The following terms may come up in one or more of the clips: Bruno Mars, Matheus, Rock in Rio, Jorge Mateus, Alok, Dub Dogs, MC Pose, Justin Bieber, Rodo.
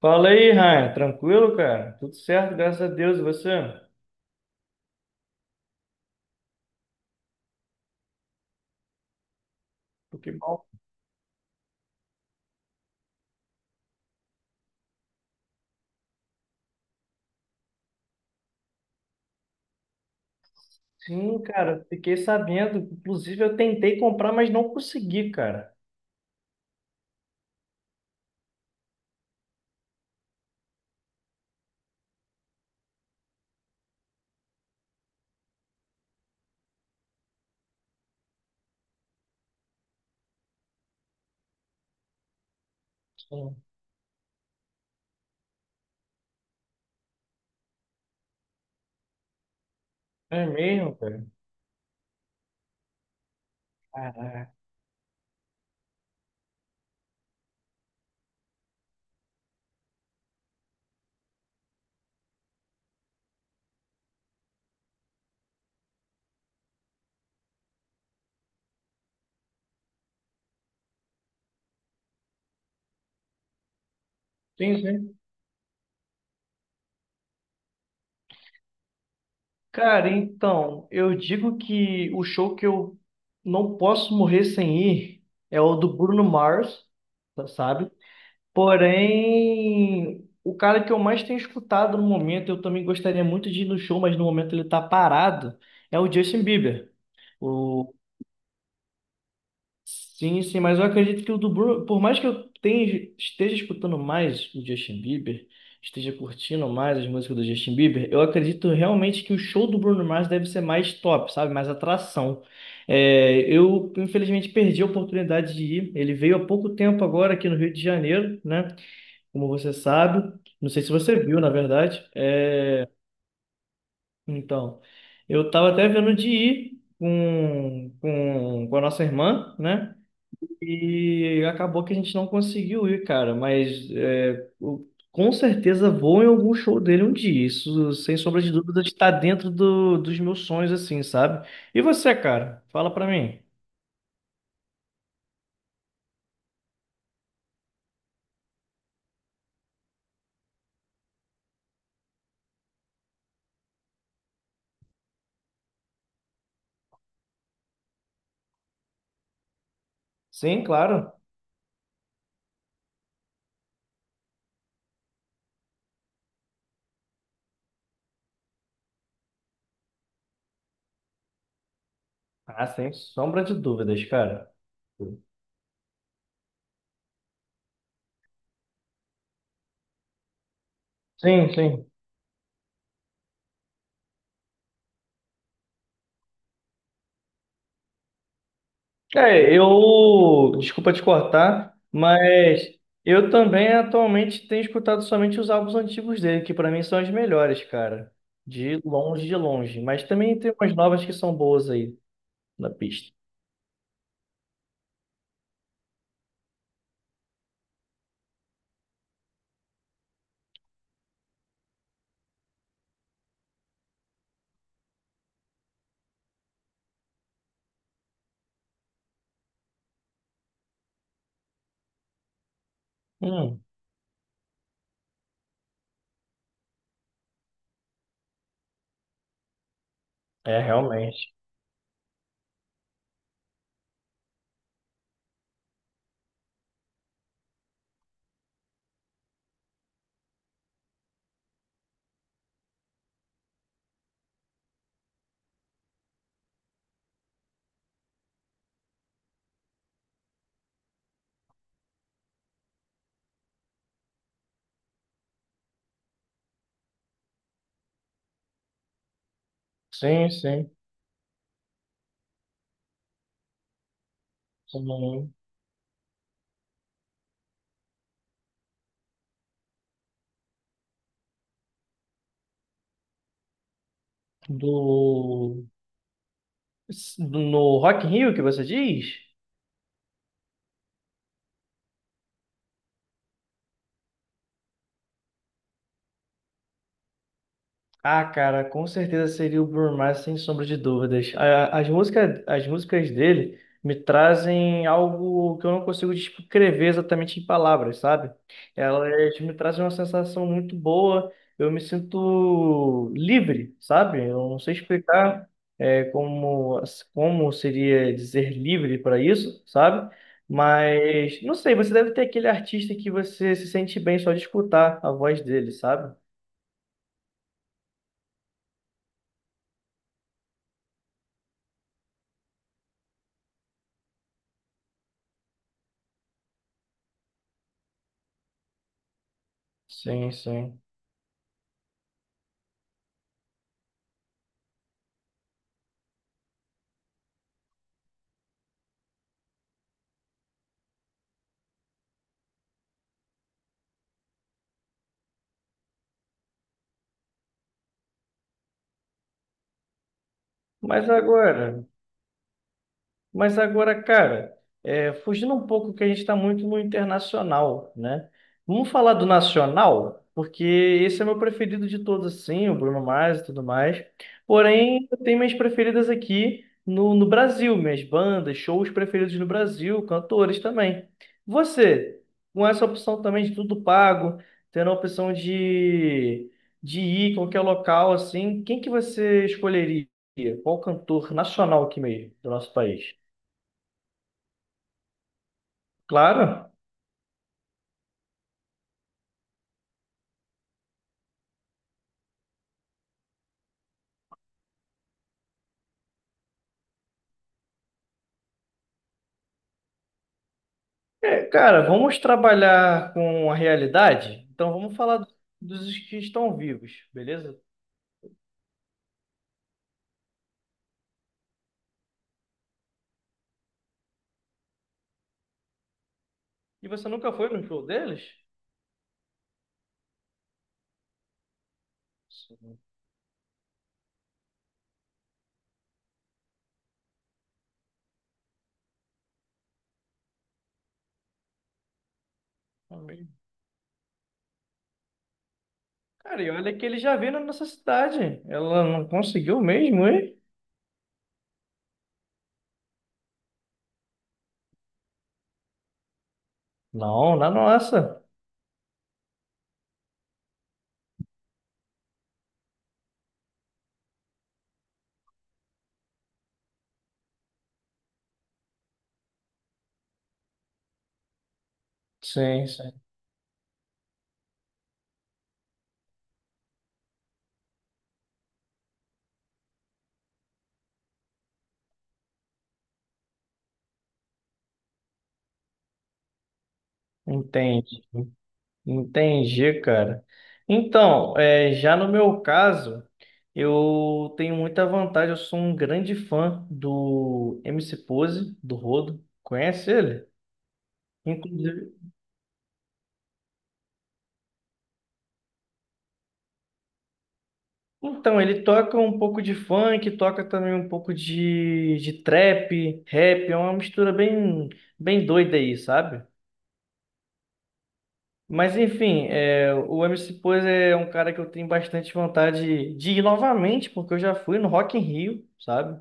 Fala aí, Ryan. Tranquilo, cara? Tudo certo, graças a Deus. E você? Pô, que bom. Sim, cara. Fiquei sabendo. Inclusive, eu tentei comprar, mas não consegui, cara. Sim. É mesmo, cara? Caraca. Sim, sim. Cara, então, eu digo que o show que eu não posso morrer sem ir é o do Bruno Mars, sabe? Porém, o cara que eu mais tenho escutado no momento, eu também gostaria muito de ir no show, mas no momento ele tá parado, é o Justin Bieber. O... Sim, sim, mas eu acredito que o do Bruno, por mais que eu tenha, esteja escutando mais o Justin Bieber, esteja curtindo mais as músicas do Justin Bieber, eu acredito realmente que o show do Bruno Mars deve ser mais top, sabe? Mais atração. É, eu, infelizmente, perdi a oportunidade de ir. Ele veio há pouco tempo agora aqui no Rio de Janeiro, né? Como você sabe. Não sei se você viu, na verdade. É. Então, eu estava até vendo de ir com a nossa irmã, né? E acabou que a gente não conseguiu ir, cara. Mas é, eu com certeza vou em algum show dele um dia. Isso, sem sombra de dúvida, está dentro dos meus sonhos, assim, sabe? E você, cara? Fala pra mim. Sim, claro. Ah, sem sombra de dúvidas, cara. Sim, sim. É, eu, desculpa te cortar, mas eu também atualmente tenho escutado somente os álbuns antigos dele, que pra mim são as melhores, cara. De longe, de longe. Mas também tem umas novas que são boas aí na pista. Hum, é, realmente. Sim, sim. Hum. Do... No Rock in Rio que você diz? Ah, cara, com certeza seria o Bruno Mars, sem sombra de dúvidas. As músicas dele me trazem algo que eu não consigo descrever exatamente em palavras, sabe? Elas me trazem uma sensação muito boa, eu me sinto livre, sabe? Eu não sei explicar, é, como, como seria dizer livre para isso, sabe? Mas, não sei, você deve ter aquele artista que você se sente bem só de escutar a voz dele, sabe? Sim, sim. Mas agora, mas agora, cara, é, fugindo um pouco que a gente está muito no internacional, né? Vamos falar do nacional, porque esse é meu preferido de todos, assim, o Bruno Mars e tudo mais. Porém, eu tenho minhas preferidas aqui no Brasil, minhas bandas, shows preferidos no Brasil, cantores também. Você, com essa opção também de tudo pago, tendo a opção de ir em qualquer local, assim, quem que você escolheria? Qual cantor nacional aqui mesmo, do nosso país? Claro. É, cara, vamos trabalhar com a realidade? Então vamos falar dos que estão vivos, beleza? E você nunca foi no show deles? Sim, também. Cara, e olha que ele já veio na nossa cidade. Ela não conseguiu mesmo, hein? Não, na nossa. Sim, sim. Entendi. Entendi, cara. Então, é, já no meu caso, eu tenho muita vantagem. Eu sou um grande fã do MC Pose, do Rodo. Conhece ele? Inclusive. Então, ele toca um pouco de funk, toca também um pouco de trap, rap. É uma mistura bem, bem doida aí, sabe? Mas enfim, é, o MC Pose é um cara que eu tenho bastante vontade de ir novamente, porque eu já fui no Rock in Rio, sabe?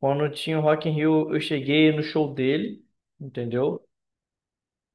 Quando tinha o Rock in Rio, eu cheguei no show dele, entendeu?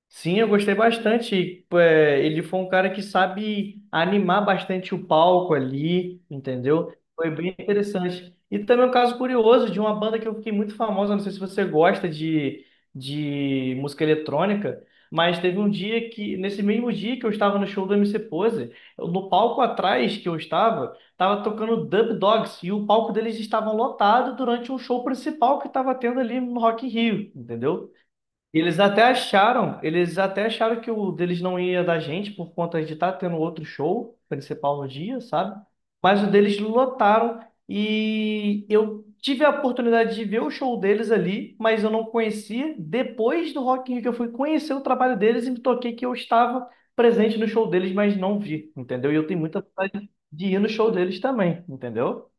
Sim, eu gostei bastante. É, ele foi um cara que sabe animar bastante o palco ali, entendeu? Foi bem interessante. E também um caso curioso de uma banda que eu fiquei muito famosa, não sei se você gosta de música eletrônica, mas teve um dia que, nesse mesmo dia que eu estava no show do MC Pose, no palco atrás que eu estava, estava tocando Dub Dogs e o palco deles estava lotado durante um show principal que estava tendo ali no Rock in Rio, entendeu? E eles até acharam que o deles não ia da gente por conta de estar tendo outro show principal no dia, sabe? Mas o deles lotaram e eu tive a oportunidade de ver o show deles ali, mas eu não conhecia. Depois do Rock in Rio que eu fui conhecer o trabalho deles e me toquei que eu estava presente no show deles, mas não vi, entendeu? E eu tenho muita vontade de ir no show deles também, entendeu?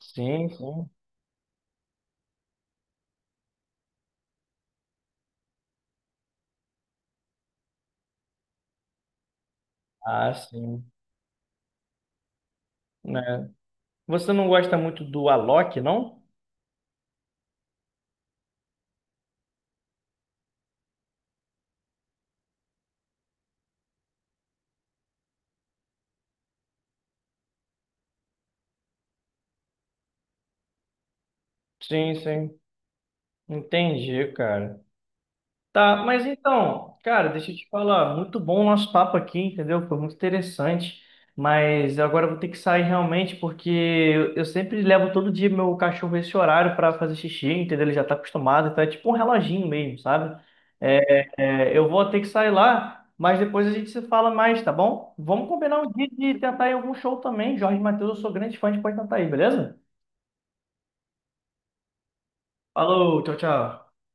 Sim, sim. Ah, sim. Né? Você não gosta muito do Alok, não? Sim, sim. Entendi, cara. Tá, mas então, cara, deixa eu te falar, muito bom o nosso papo aqui, entendeu? Foi muito interessante, mas agora eu vou ter que sair realmente, porque eu sempre levo todo dia meu cachorro esse horário para fazer xixi, entendeu? Ele já tá acostumado, então é tipo um reloginho mesmo, sabe? É, eu vou ter que sair lá, mas depois a gente se fala mais, tá bom? Vamos combinar um dia de tentar ir em algum show também. Jorge Mateus, eu sou grande fã de pode tentar aí, beleza? Falou, tchau, tchau.